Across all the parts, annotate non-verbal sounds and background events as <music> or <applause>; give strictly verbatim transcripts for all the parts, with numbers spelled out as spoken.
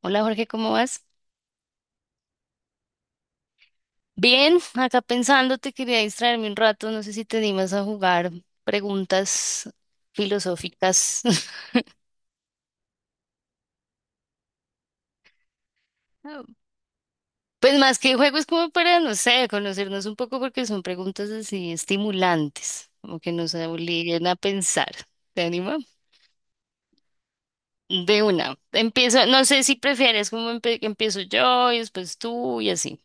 Hola Jorge, ¿cómo vas? Bien, acá pensando, te quería distraerme un rato, no sé si te animas a jugar preguntas filosóficas. <laughs> Ah, pues más que juegos como para, no sé, conocernos un poco porque son preguntas así estimulantes, como que nos obliguen a pensar. ¿Te anima? De una. Empiezo, no sé si prefieres como empe- que empiezo yo y después tú y así.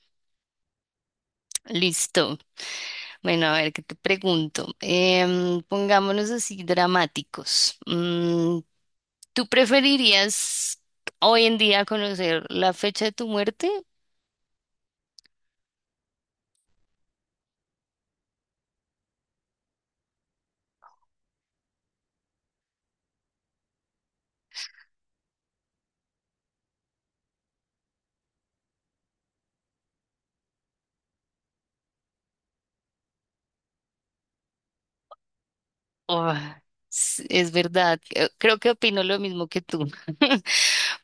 Listo. Bueno, a ver, ¿qué te pregunto? Em, pongámonos así dramáticos. Mm, ¿Tú preferirías hoy en día conocer la fecha de tu muerte? Oh, s- es verdad, eh, creo que opino lo mismo que tú, <laughs>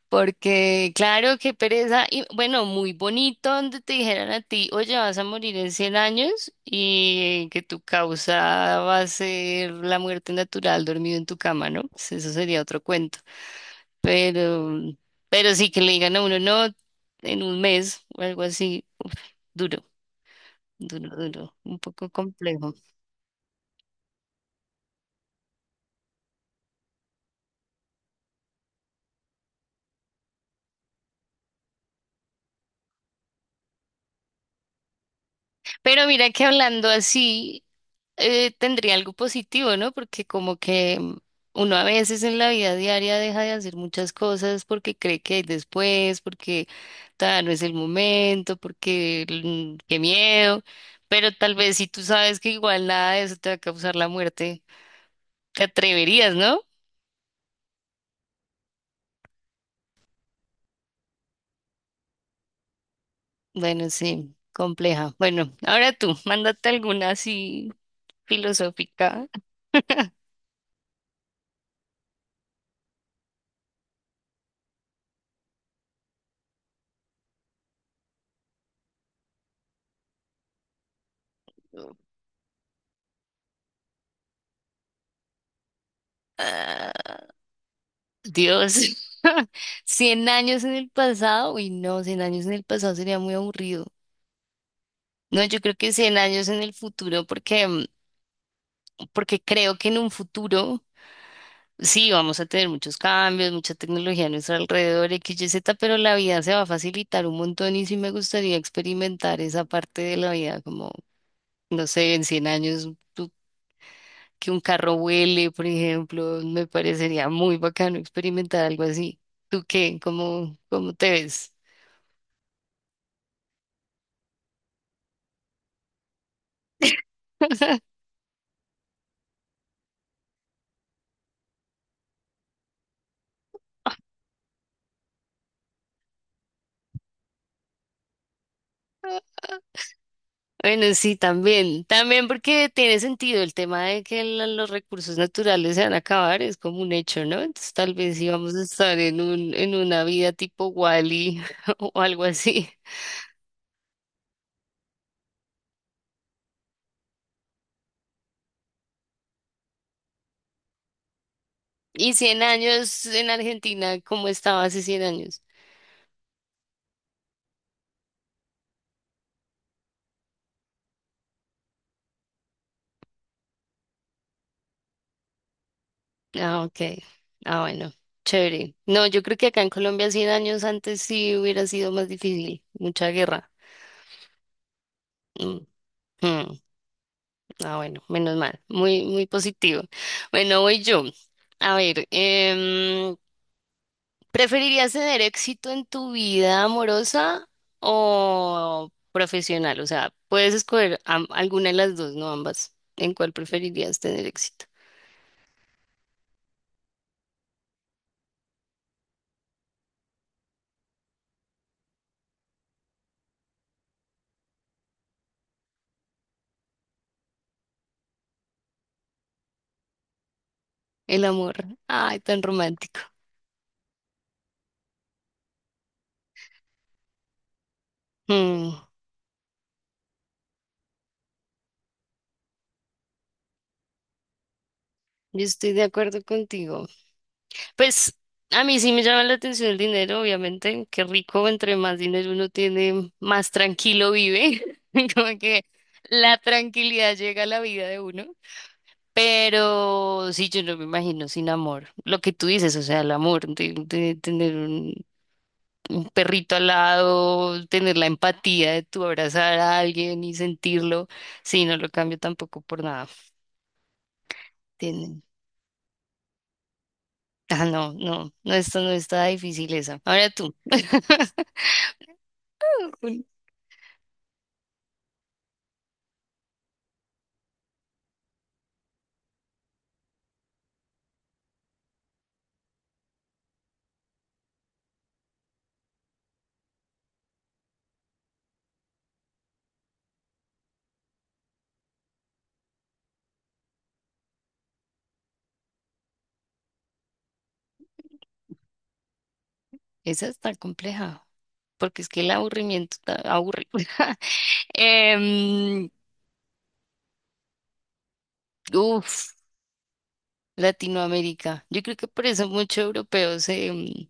porque claro, qué pereza, y bueno, muy bonito donde te dijeran a ti, oye, vas a morir en cien años y que tu causa va a ser la muerte natural dormido en tu cama, ¿no? Pues eso sería otro cuento, pero, pero sí que le digan a uno, no, en un mes o algo así, duro. Duro, duro, un poco complejo. Pero mira que hablando así, eh, tendría algo positivo, ¿no? Porque como que mm, uno a veces en la vida diaria deja de hacer muchas cosas porque cree que hay después, porque todavía no es el momento, porque mm, qué miedo. Pero tal vez si tú sabes que igual nada de eso te va a causar la muerte, te atreverías, ¿no? Bueno, sí, compleja. Bueno, ahora tú, mándate alguna así filosófica. <laughs> Ah, Dios, <laughs> cien años en el pasado, uy, no, cien años en el pasado sería muy aburrido. No, yo creo que cien años en el futuro, porque, mm, porque creo que en un futuro sí vamos a tener muchos cambios, mucha tecnología a nuestro alrededor, X Y Z, pero la vida se va a facilitar un montón y sí me gustaría experimentar esa parte de la vida, como, no sé, en cien años tú- que un carro vuele, por ejemplo, me parecería muy bacano experimentar algo así. ¿Tú qué? ¿Cómo, cómo te ves? <laughs> Bueno, sí, también, también porque tiene sentido el tema de que la- los recursos naturales se van a acabar, es como un hecho, ¿no? Entonces tal vez íbamos a estar en un, en una vida tipo Wally <laughs> o algo así. ¿Y cien años en Argentina, cómo estaba hace cien años? Ah, ok. Ah, bueno, chévere. No, yo creo que acá en Colombia cien años antes sí hubiera sido más difícil, mucha guerra. Mm, mm. Ah, bueno, menos mal. Muy, muy positivo. Bueno, voy yo. A ver, em, ¿preferirías tener éxito en tu vida amorosa o profesional? O sea, puedes escoger am- alguna de las dos, no ambas. ¿En cuál preferirías tener éxito? El amor. Ay, tan romántico. Mm, yo estoy de acuerdo contigo. Pues a mí sí me llama la atención el dinero, obviamente. Qué rico, entre más dinero uno tiene, más tranquilo vive. <laughs> Como que la tranquilidad llega a la vida de uno. Pero sí, yo no me imagino sin amor. Lo que tú dices, o sea, el amor, de, de tener un, un perrito al lado, tener la empatía de tu abrazar a alguien y sentirlo. Sí, no lo cambio tampoco por nada. Tienen. Ah, no, no, no, esto no está difícil esa. Ahora tú. <laughs> Un- Esa está compleja, porque es que el aburrimiento está aburrido. <laughs> Em, uf, Latinoamérica. Yo creo que por eso muchos europeos se, mm,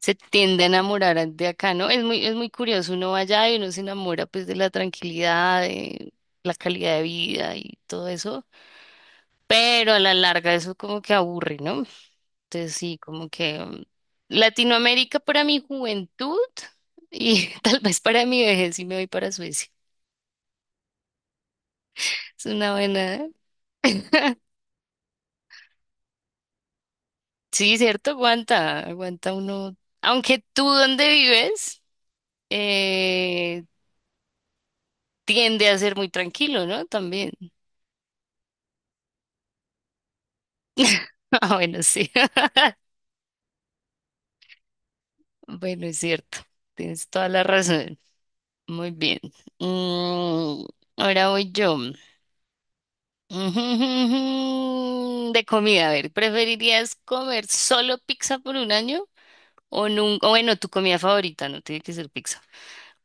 se tiende a enamorar a- de acá, ¿no? Es muy, es muy curioso, uno va allá y uno se enamora pues de la tranquilidad, de la calidad de vida y todo eso, pero a la larga eso como que aburre, ¿no? Entonces sí, como que mm, Latinoamérica para mi juventud y <laughs> tal vez para mi vejez sí me voy para Suecia. Es una buena. Sí, cierto, aguanta, aguanta uno. Aunque tú donde vives eh, tiende a ser muy tranquilo, ¿no? También. <laughs> Ah, bueno, sí. <laughs> Bueno, es cierto. Tienes toda la razón. Muy bien. Mm, ahora voy yo. <laughs> De comida, a ver, ¿preferirías comer solo pizza por un año o nunca, bueno, tu comida favorita, no tiene que ser pizza,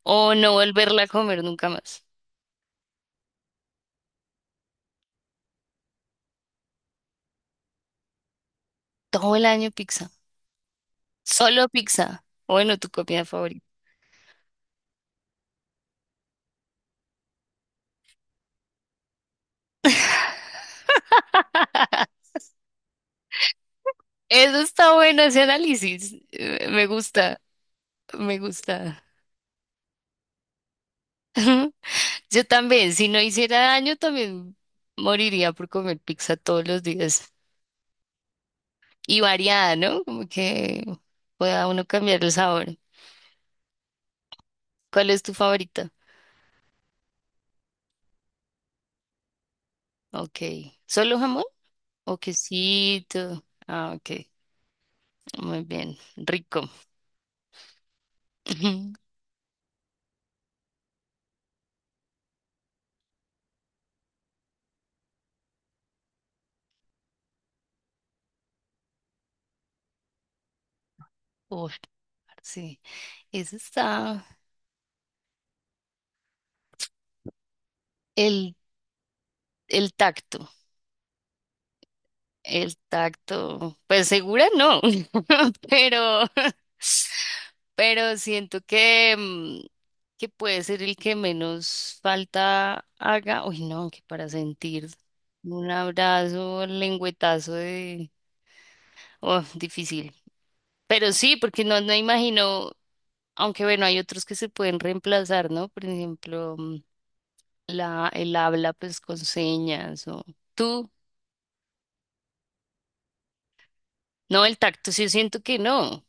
o no volverla a comer nunca más? Todo el año pizza. Solo pizza. Bueno, tu comida favorita. <laughs> Eso está bueno, ese análisis. Eh, Me gusta, me gusta. <laughs> Yo también, si no hiciera daño, también moriría por comer pizza todos los días. Y variada, ¿no? Como que pueda uno cambiar el sabor. ¿Cuál es tu favorita? Ok. ¿Solo jamón? O quesito. Ah, ok. Muy bien. Rico. <laughs> Uf, sí. Eso está. El, el tacto. El tacto, pues segura no, <laughs> pero, pero siento que, mm, que puede ser el que menos falta haga. Uy, no, que para sentir un abrazo, lengüetazo de... Oh, difícil. Pero sí, porque no, no imagino, aunque bueno, hay otros que se pueden reemplazar, ¿no? Por ejemplo, mm, la, el habla pues con señas o tú. No, el tacto sí siento que no.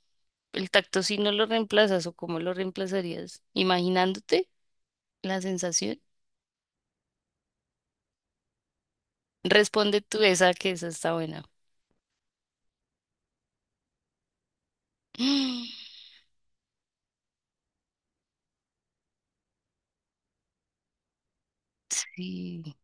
El tacto sí no lo reemplazas o cómo lo reemplazarías, imaginándote la sensación. Responde tú esa que esa está buena. <gasps> Sí,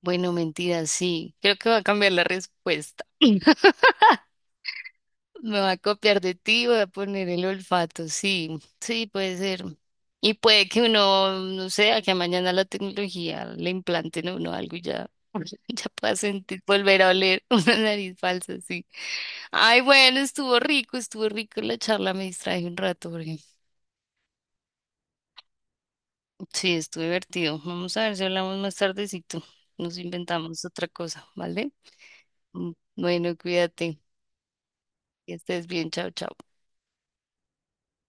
bueno, mentira, sí. Creo que va a cambiar la respuesta. <laughs> Me va a copiar de ti, voy a poner el olfato, sí, sí, puede ser. Y puede que uno, no sé, a que mañana la tecnología le implante en uno algo y ya, <laughs> ya pueda sentir, volver a oler <laughs> una nariz falsa, sí. Ay, bueno, estuvo rico, estuvo rico la charla, me distraje un rato porque sí, estuvo divertido. Vamos a ver si hablamos más tardecito. Nos inventamos otra cosa, ¿vale? Mm, bueno, cuídate, que estés bien, chao, chao.